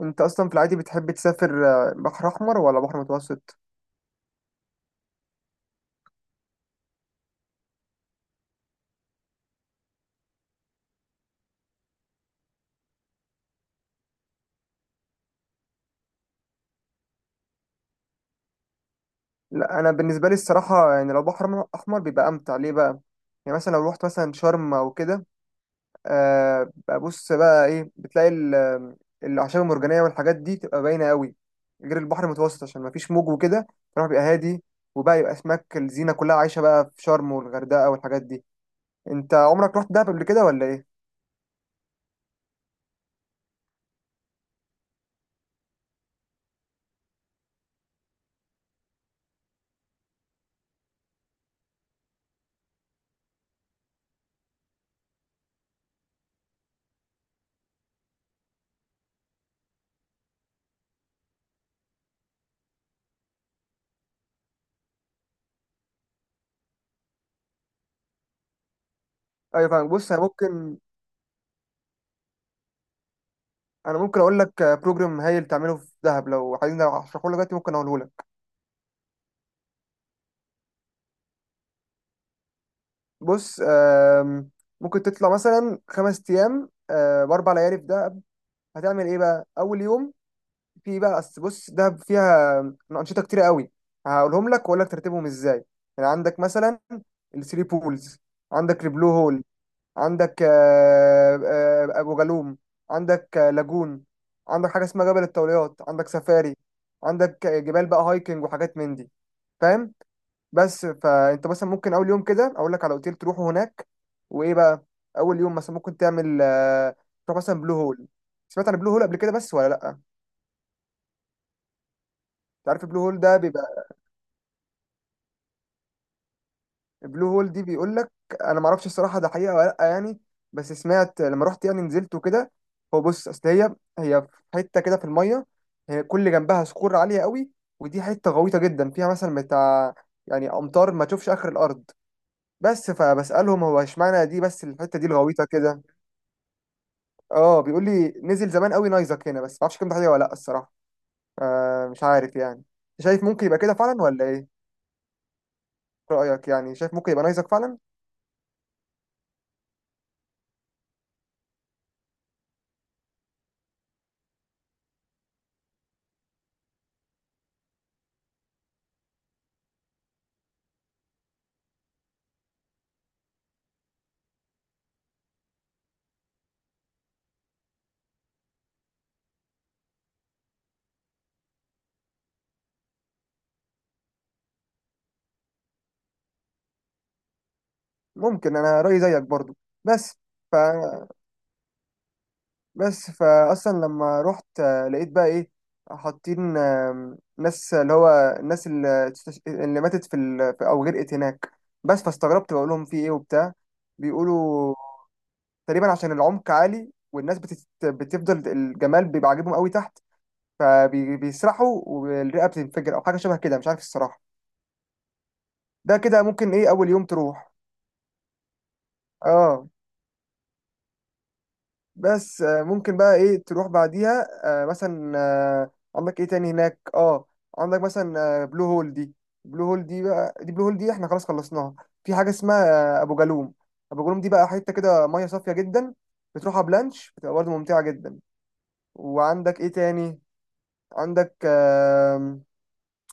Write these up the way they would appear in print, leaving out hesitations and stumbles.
انت اصلا في العادي بتحب تسافر، بحر احمر ولا بحر متوسط؟ لا، انا بالنسبه لي الصراحه يعني لو بحر احمر بيبقى امتع ليه بقى. يعني مثلا لو رحت مثلا شرم او كده. آه بقى بص بقى ايه، بتلاقي الاعشاب المرجانيه والحاجات دي تبقى باينه قوي غير البحر المتوسط، عشان ما فيش موج وكده. فالبحر بيبقى هادي، وبقى يبقى اسماك الزينه كلها عايشه بقى في شرم والغردقه والحاجات دي. انت عمرك رحت دهب قبل كده ولا ايه؟ ايوه، فاهم. بص، انا ممكن اقول لك بروجرام هايل تعمله في دهب لو عايزين. لو هشرحه لك دلوقتي، ممكن اقوله لك. بص، ممكن تطلع مثلا 5 ايام ب4 ليالي في دهب. هتعمل ايه بقى اول يوم؟ في بقى أصل، بص، دهب فيها انشطه كتير قوي، هقولهم لك واقول لك ترتيبهم ازاي. يعني عندك مثلا الثري بولز، عندك البلو هول، عندك ابو جالوم، عندك لاجون، عندك حاجه اسمها جبل الطوليات، عندك سفاري، عندك جبال بقى هايكنج وحاجات من دي، فاهم. بس فانت مثلا ممكن اول يوم كده اقول لك على اوتيل تروحه هناك، وايه بقى. اول يوم مثلا ممكن تعمل تروح مثلا بلو هول. سمعت عن بلو هول قبل كده بس ولا لا انت؟ عارف البلو هول ده بيبقى. بلو هول دي بيقول لك، انا ما اعرفش الصراحه ده حقيقه ولا لا يعني، بس سمعت لما رحت يعني نزلت وكده. هو بص، اصل هي في حته كده في الميه، هي كل جنبها صخور عاليه قوي، ودي حته غويطه جدا فيها، مثلا بتاع، يعني امتار ما تشوفش اخر الارض. بس فبسالهم، هو اشمعنى دي بس الحته دي الغويطه كده؟ اه، بيقول لي نزل زمان قوي نايزك هنا، بس ما اعرفش كام ده حقيقه ولا لا الصراحه. مش عارف يعني. شايف ممكن يبقى كده فعلا ولا ايه؟ رايك يعني، شايف ممكن يبقى نايزك فعلا؟ ممكن، انا رايي زيك برضو. بس ف بس فاصلا لما رحت، لقيت بقى ايه؟ حاطين، ناس اللي هو الناس اللي، اللي ماتت في، في او غرقت هناك. بس فاستغربت، بقول لهم في ايه وبتاع. بيقولوا تقريبا عشان العمق عالي، والناس بتفضل الجمال بيبقى عاجبهم قوي تحت، فبيسرحوا والرئه بتنفجر او حاجه شبه كده، مش عارف الصراحه. ده كده، ممكن ايه اول يوم تروح. اه، بس ممكن بقى ايه تروح بعديها. مثلا عندك ايه تاني هناك، عندك مثلا، بلو هول دي. بلو هول دي بقى دي بلو هول دي احنا خلاص خلصناها. في حاجه اسمها ابو جالوم. ابو جالوم دي بقى حته كده، ميه صافيه جدا، بتروحها بلانش، بتبقى برضه ممتعه جدا. وعندك ايه تاني؟ عندك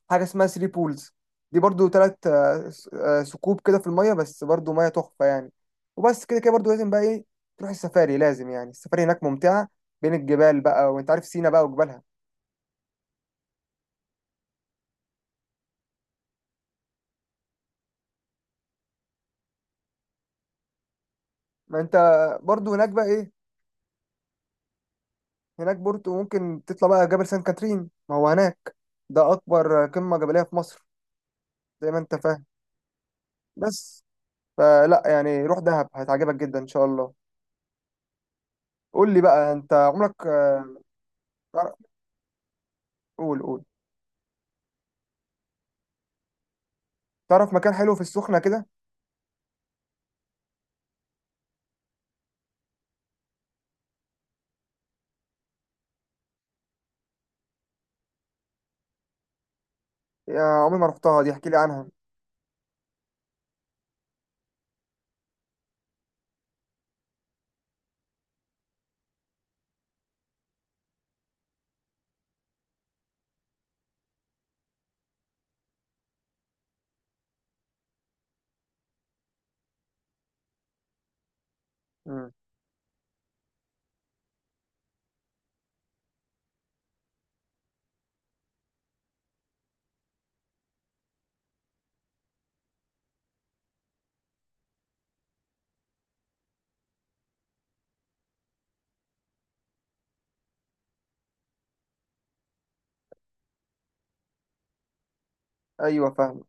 حاجه اسمها ثري بولز، دي برضو تلات ثقوب كده في الميه، بس برضو ميه تحفه يعني. وبس كده كده برضو، لازم بقى ايه، تروح السفاري، لازم يعني، السفاري هناك ممتعه، بين الجبال بقى، وانت عارف سينا بقى وجبالها. ما انت برضو هناك بقى ايه. هناك برضو ممكن تطلع بقى جبل سان كاترين، ما هو هناك ده اكبر قمه جبليه في مصر، زي ما انت فاهم بس. فلا يعني، روح دهب هتعجبك جدا ان شاء الله. قول لي بقى، انت عمرك تعرف- قول قول، تعرف مكان حلو في السخنه كده؟ يا عمري ما رحتها دي، احكي لي عنها. مم. ايوه، فاهم.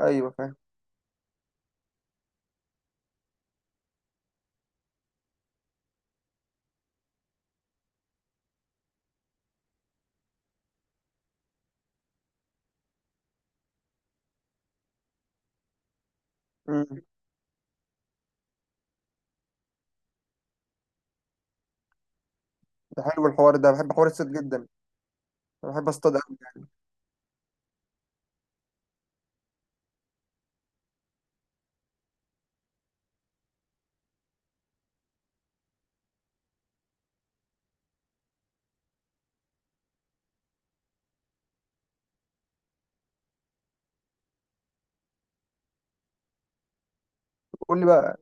ايوه، فاهم. مم. ده حلو الحوار ده، بحب حوار الصيد جدا. أنا بحب اصطاد قوي. قول لي بقى،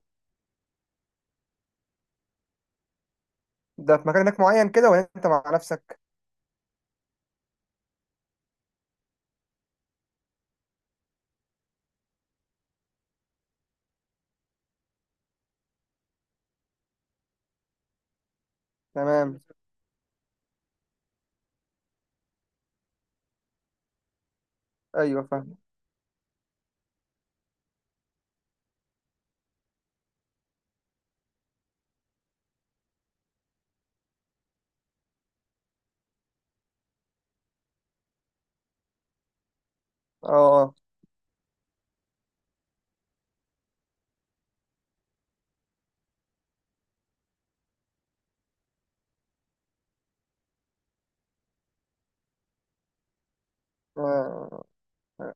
ده في مكان هناك معين كده ولا انت مع نفسك؟ تمام. ايوه، فاهم. اه. آه. آه. آه.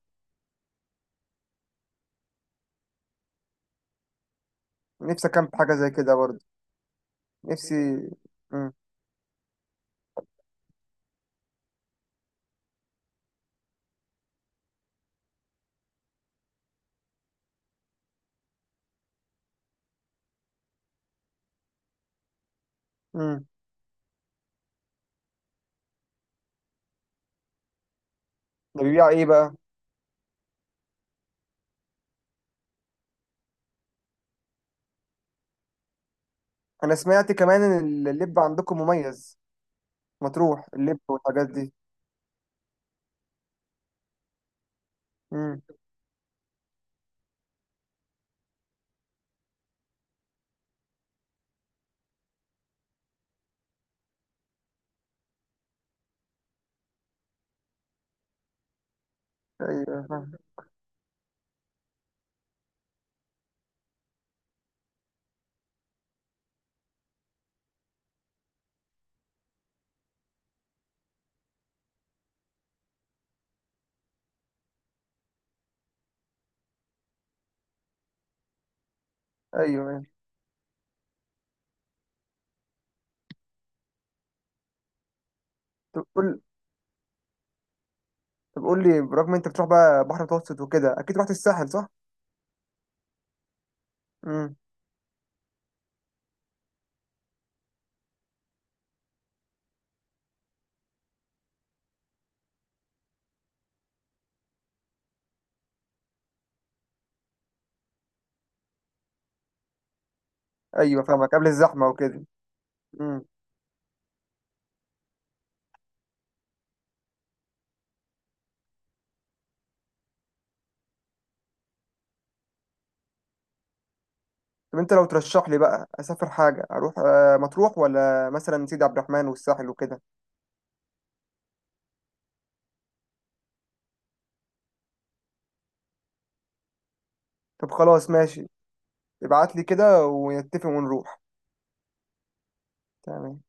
نفسي اكمل حاجه زي كده برضه. نفسي. مم. مم. ده بيبيع ايه بقى؟ انا سمعت كمان ان اللب عندكم مميز. مطروح اللب والحاجات دي. مم. ايوه، فاهم. ايوه، أيوة. طب قول طب قول لي برغم انت بتروح بقى بحر متوسط وكده، اكيد رحت الساحل، صح؟ ايوه فاهمك، قبل الزحمه وكده. امم. طب انت لو ترشح لي بقى اسافر حاجه، اروح مطروح ولا مثلا سيدي عبد الرحمن والساحل وكده؟ طب خلاص، ماشي. ابعت لي كده ونتفق ونروح. تمام.